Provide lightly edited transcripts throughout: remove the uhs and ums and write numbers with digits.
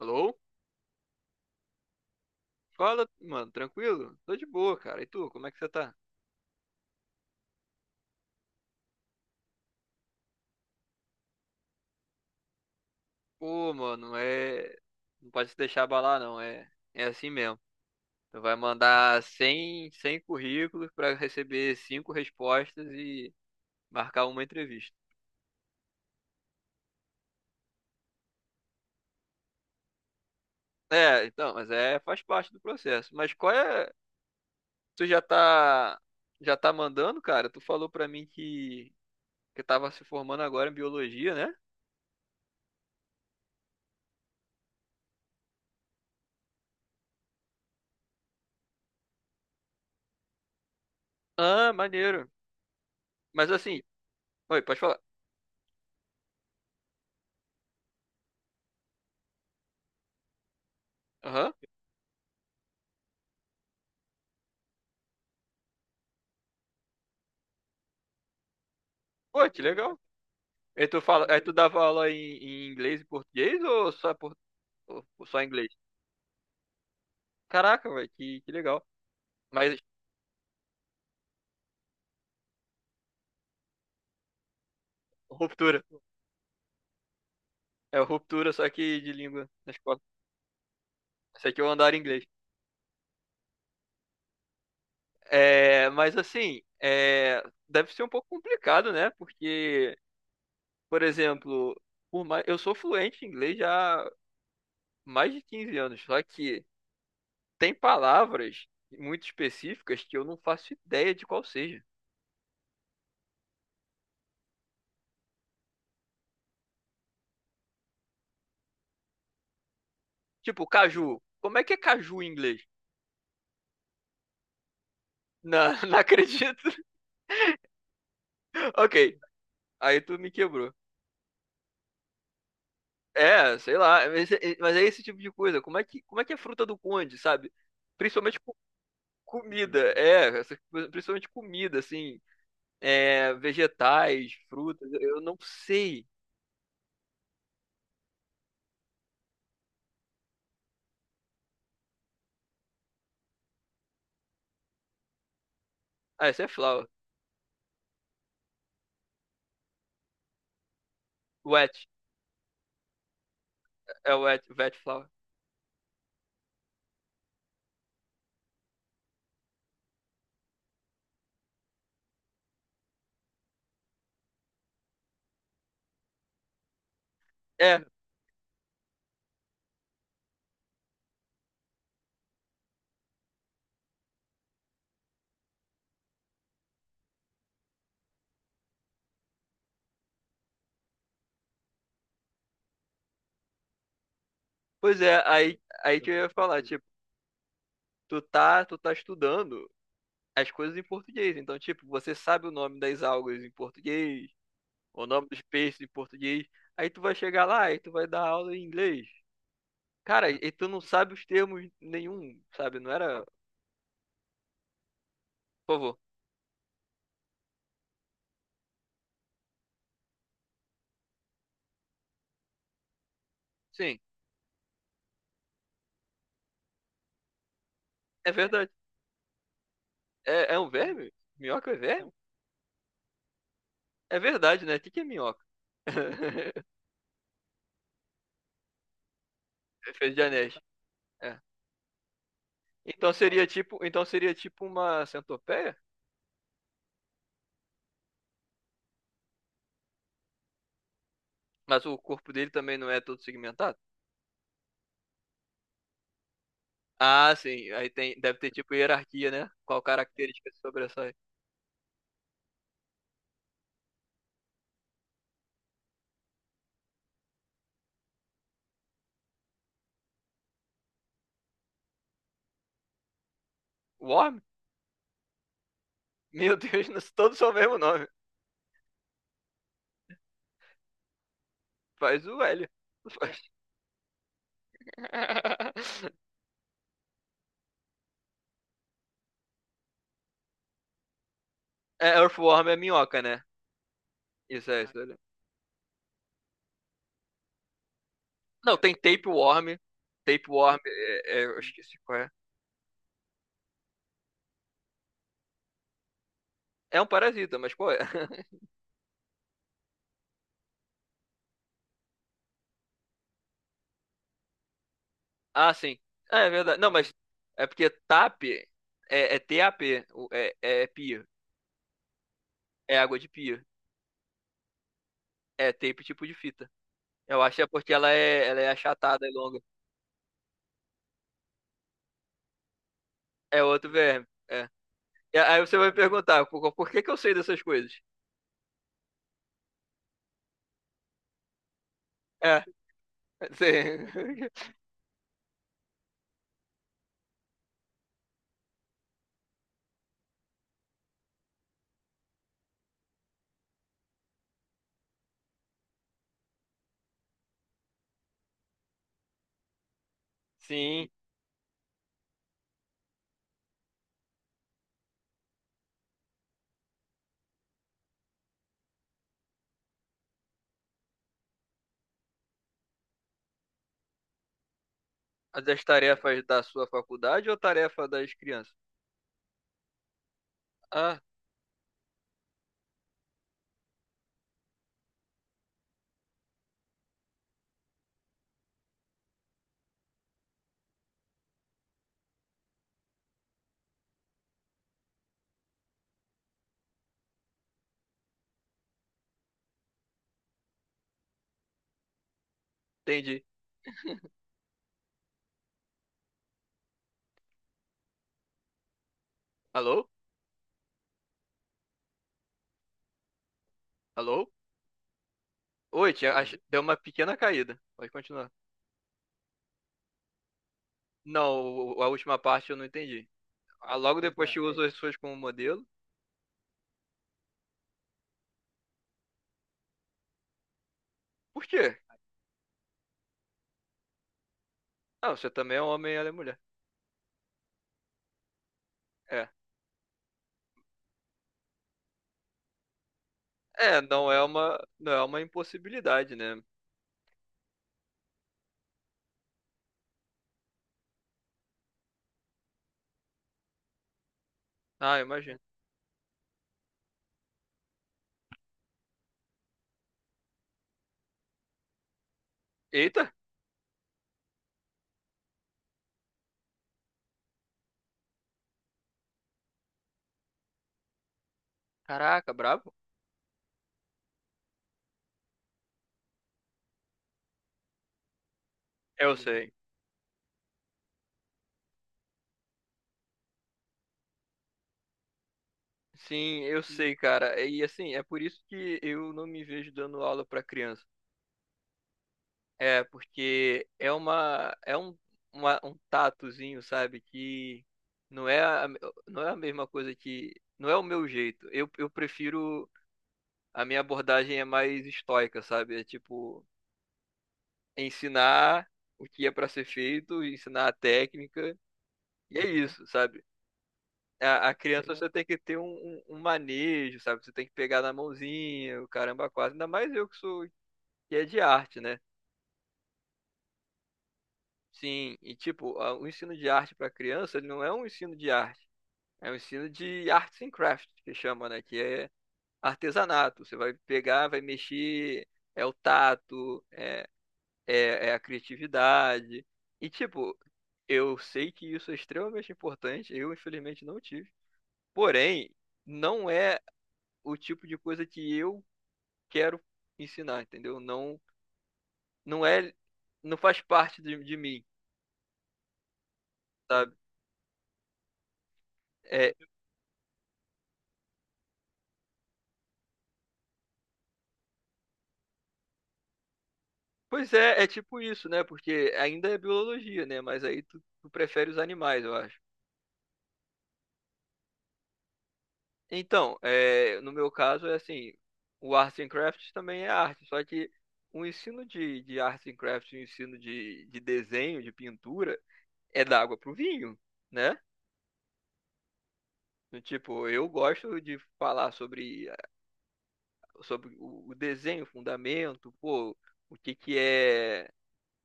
Alô? Fala, mano, tranquilo? Tô de boa, cara. E tu, como é que você tá? Pô, mano, é. Não pode se deixar abalar, não. É assim mesmo. Tu vai mandar 100, 100 currículos pra receber cinco respostas e marcar uma entrevista. É, então, mas é, faz parte do processo. Mas qual é. Tu já tá. Já tá mandando, cara? Tu falou pra mim que tava se formando agora em biologia, né? Ah, maneiro. Mas assim. Oi, pode falar. Aham. Pô, que legal. E tu fala, aí tu dava aula em inglês e português ou só, ou só inglês? Caraca, velho, que legal. Mas ruptura. É ruptura, só que de língua na escola. Esse aqui é o andar em inglês. É, mas assim, é, deve ser um pouco complicado, né? Porque, por exemplo, por mais, eu sou fluente em inglês já há mais de 15 anos, só que tem palavras muito específicas que eu não faço ideia de qual seja. Tipo, caju. Como é que é caju em inglês? Não, não acredito. Ok, aí tu me quebrou. É, sei lá, mas é esse tipo de coisa. Como é que é fruta do conde, sabe? Principalmente comida, é, principalmente comida, assim, é, vegetais, frutas, eu não sei. Ah, esse é flower, wet, é wet flower. É, pois é, aí que eu ia falar, tipo, tu tá estudando as coisas em português, então, tipo, você sabe o nome das algas em português, o nome dos peixes em português, aí tu vai chegar lá e tu vai dar aula em inglês. Cara, e tu não sabe os termos nenhum, sabe? Não era. Por favor. Sim, é verdade. É um verme? Minhoca é verme? É verdade, né? O que que é minhoca? Fez de anéis. É. Então seria tipo uma centopeia? Mas o corpo dele também não é todo segmentado? Ah, sim. Aí tem, deve ter tipo hierarquia, né? Qual característica se sobressai? Worm? Meu Deus, nós- todos são o mesmo nome. Faz o L. Faz- É, Earthworm é minhoca, né? Isso é isso. Não, tem tapeworm. Tapeworm, eu esqueci qual é. É um parasita, mas qual é? Ah, sim. Ah, é verdade. Não, mas é porque TAP é TAP, o- é, é pia. É água de pia. É tape tipo de fita. Eu acho que é porque ela é achatada e longa. É outro verme. É. E aí você vai me perguntar, por que que eu sei dessas coisas? É, sim. Sim. As das tarefas da sua faculdade ou tarefa das crianças? Ah, entendi. Alô? Alô? Oi, tinha, ach- deu uma pequena caída. Pode continuar. Não, o- a última parte eu não entendi. Ah, logo depois que usa as suas como modelo. Por quê? Ah, você também é um homem e ela é mulher. É. É, não é uma impossibilidade, né? Ah, imagina. Eita! Caraca, brabo. Eu sei. Sim, eu sei, cara. E assim, é por isso que eu não me vejo dando aula pra criança. É, porque é uma é um, um tatozinho, sabe, que não é a, não é a mesma coisa, que não é o meu jeito. Eu prefiro, a minha abordagem é mais estoica, sabe? É tipo ensinar o que é pra ser feito, ensinar a técnica, e é isso, sabe? A criança você tem que ter um, um manejo, sabe? Você tem que pegar na mãozinha, o caramba quase, ainda mais eu que sou que é de arte, né? Sim, e tipo, o ensino de arte para criança, ele não é um ensino de arte, é um ensino de arts and crafts, que chama, né, que é artesanato. Você vai pegar, vai mexer, é o tato, é a criatividade. E tipo, eu sei que isso é extremamente importante, eu infelizmente não tive. Porém, não é o tipo de coisa que eu quero ensinar, entendeu? Não, não é, não faz parte de mim, sabe? É, pois é, é tipo isso, né? Porque ainda é biologia, né? Mas aí tu, tu prefere os animais, eu acho. Então, é, no meu caso, é assim, o Arts and Crafts também é arte, só que o ensino de Arts and Crafts, o ensino de desenho, de pintura, é da água pro vinho, né? Do tipo, eu gosto de falar sobre o desenho, o fundamento, pô, o que que é,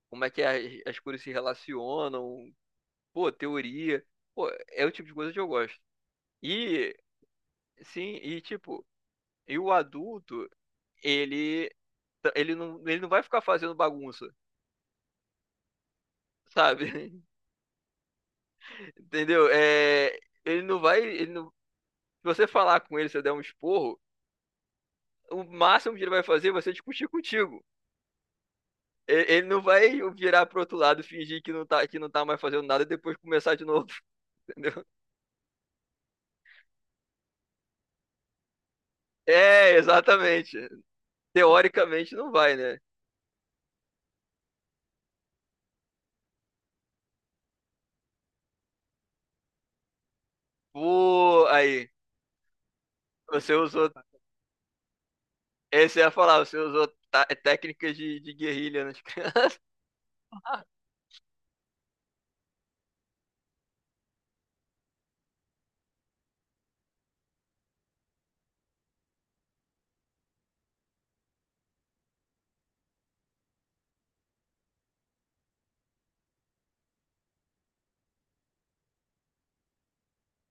como é que as cores se relacionam, pô, teoria. Pô, é o tipo de coisa que eu gosto. E sim, e tipo, e o adulto, ele ele não vai ficar fazendo bagunça, sabe? Entendeu? É, ele não vai, ele não, se você falar com ele, se você der um esporro, o máximo que ele vai fazer é você discutir contigo. E- ele não vai virar pro outro lado, fingir que não tá mais fazendo nada e depois começar de novo, entendeu? É, exatamente. Teoricamente não vai, né? Pô, aí, você usou Esse ia falar, você usou técnicas de guerrilha nas crianças.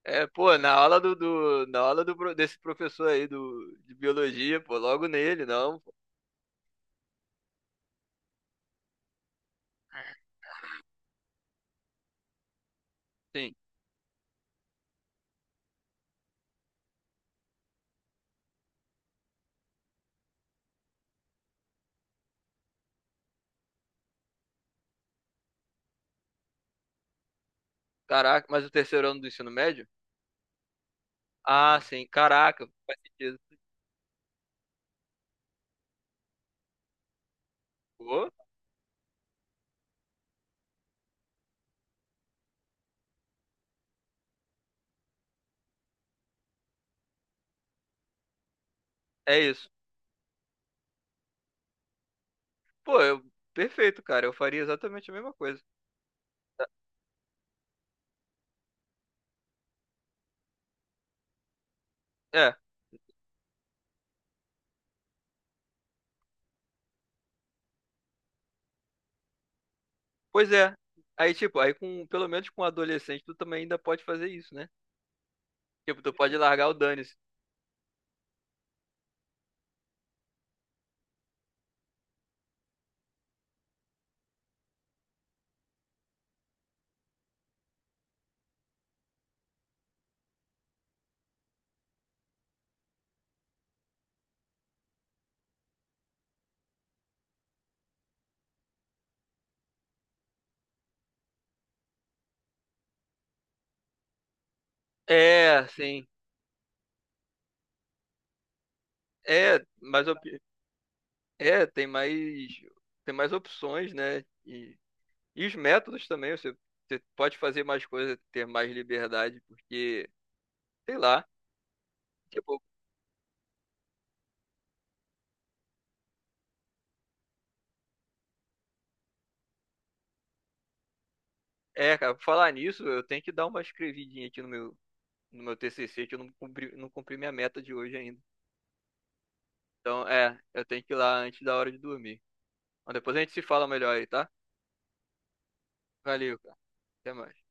É, pô, na aula do desse professor aí do, de biologia, pô, logo nele, não. Pô. Sim. Caraca, mas o terceiro ano do ensino médio? Ah, sim, caraca, faz sentido. Pô, é isso. Pô, eu, perfeito, cara, eu faria exatamente a mesma coisa. É, pois é. Aí, tipo, aí com, pelo menos com um adolescente, tu também ainda pode fazer isso, né? Tipo, tu pode largar o dane-se. É, sim. É, mas eu, é, tem mais opções, né? e, os métodos também, você pode fazer mais coisas, ter mais liberdade, porque, sei lá, tipo, é, cara, falar nisso, eu tenho que dar uma escrevidinha aqui no meu TCC, que eu não cumpri minha meta de hoje ainda. Então, é, eu tenho que ir lá antes da hora de dormir. Mas depois a gente se fala melhor aí, tá? Valeu, cara. Até mais.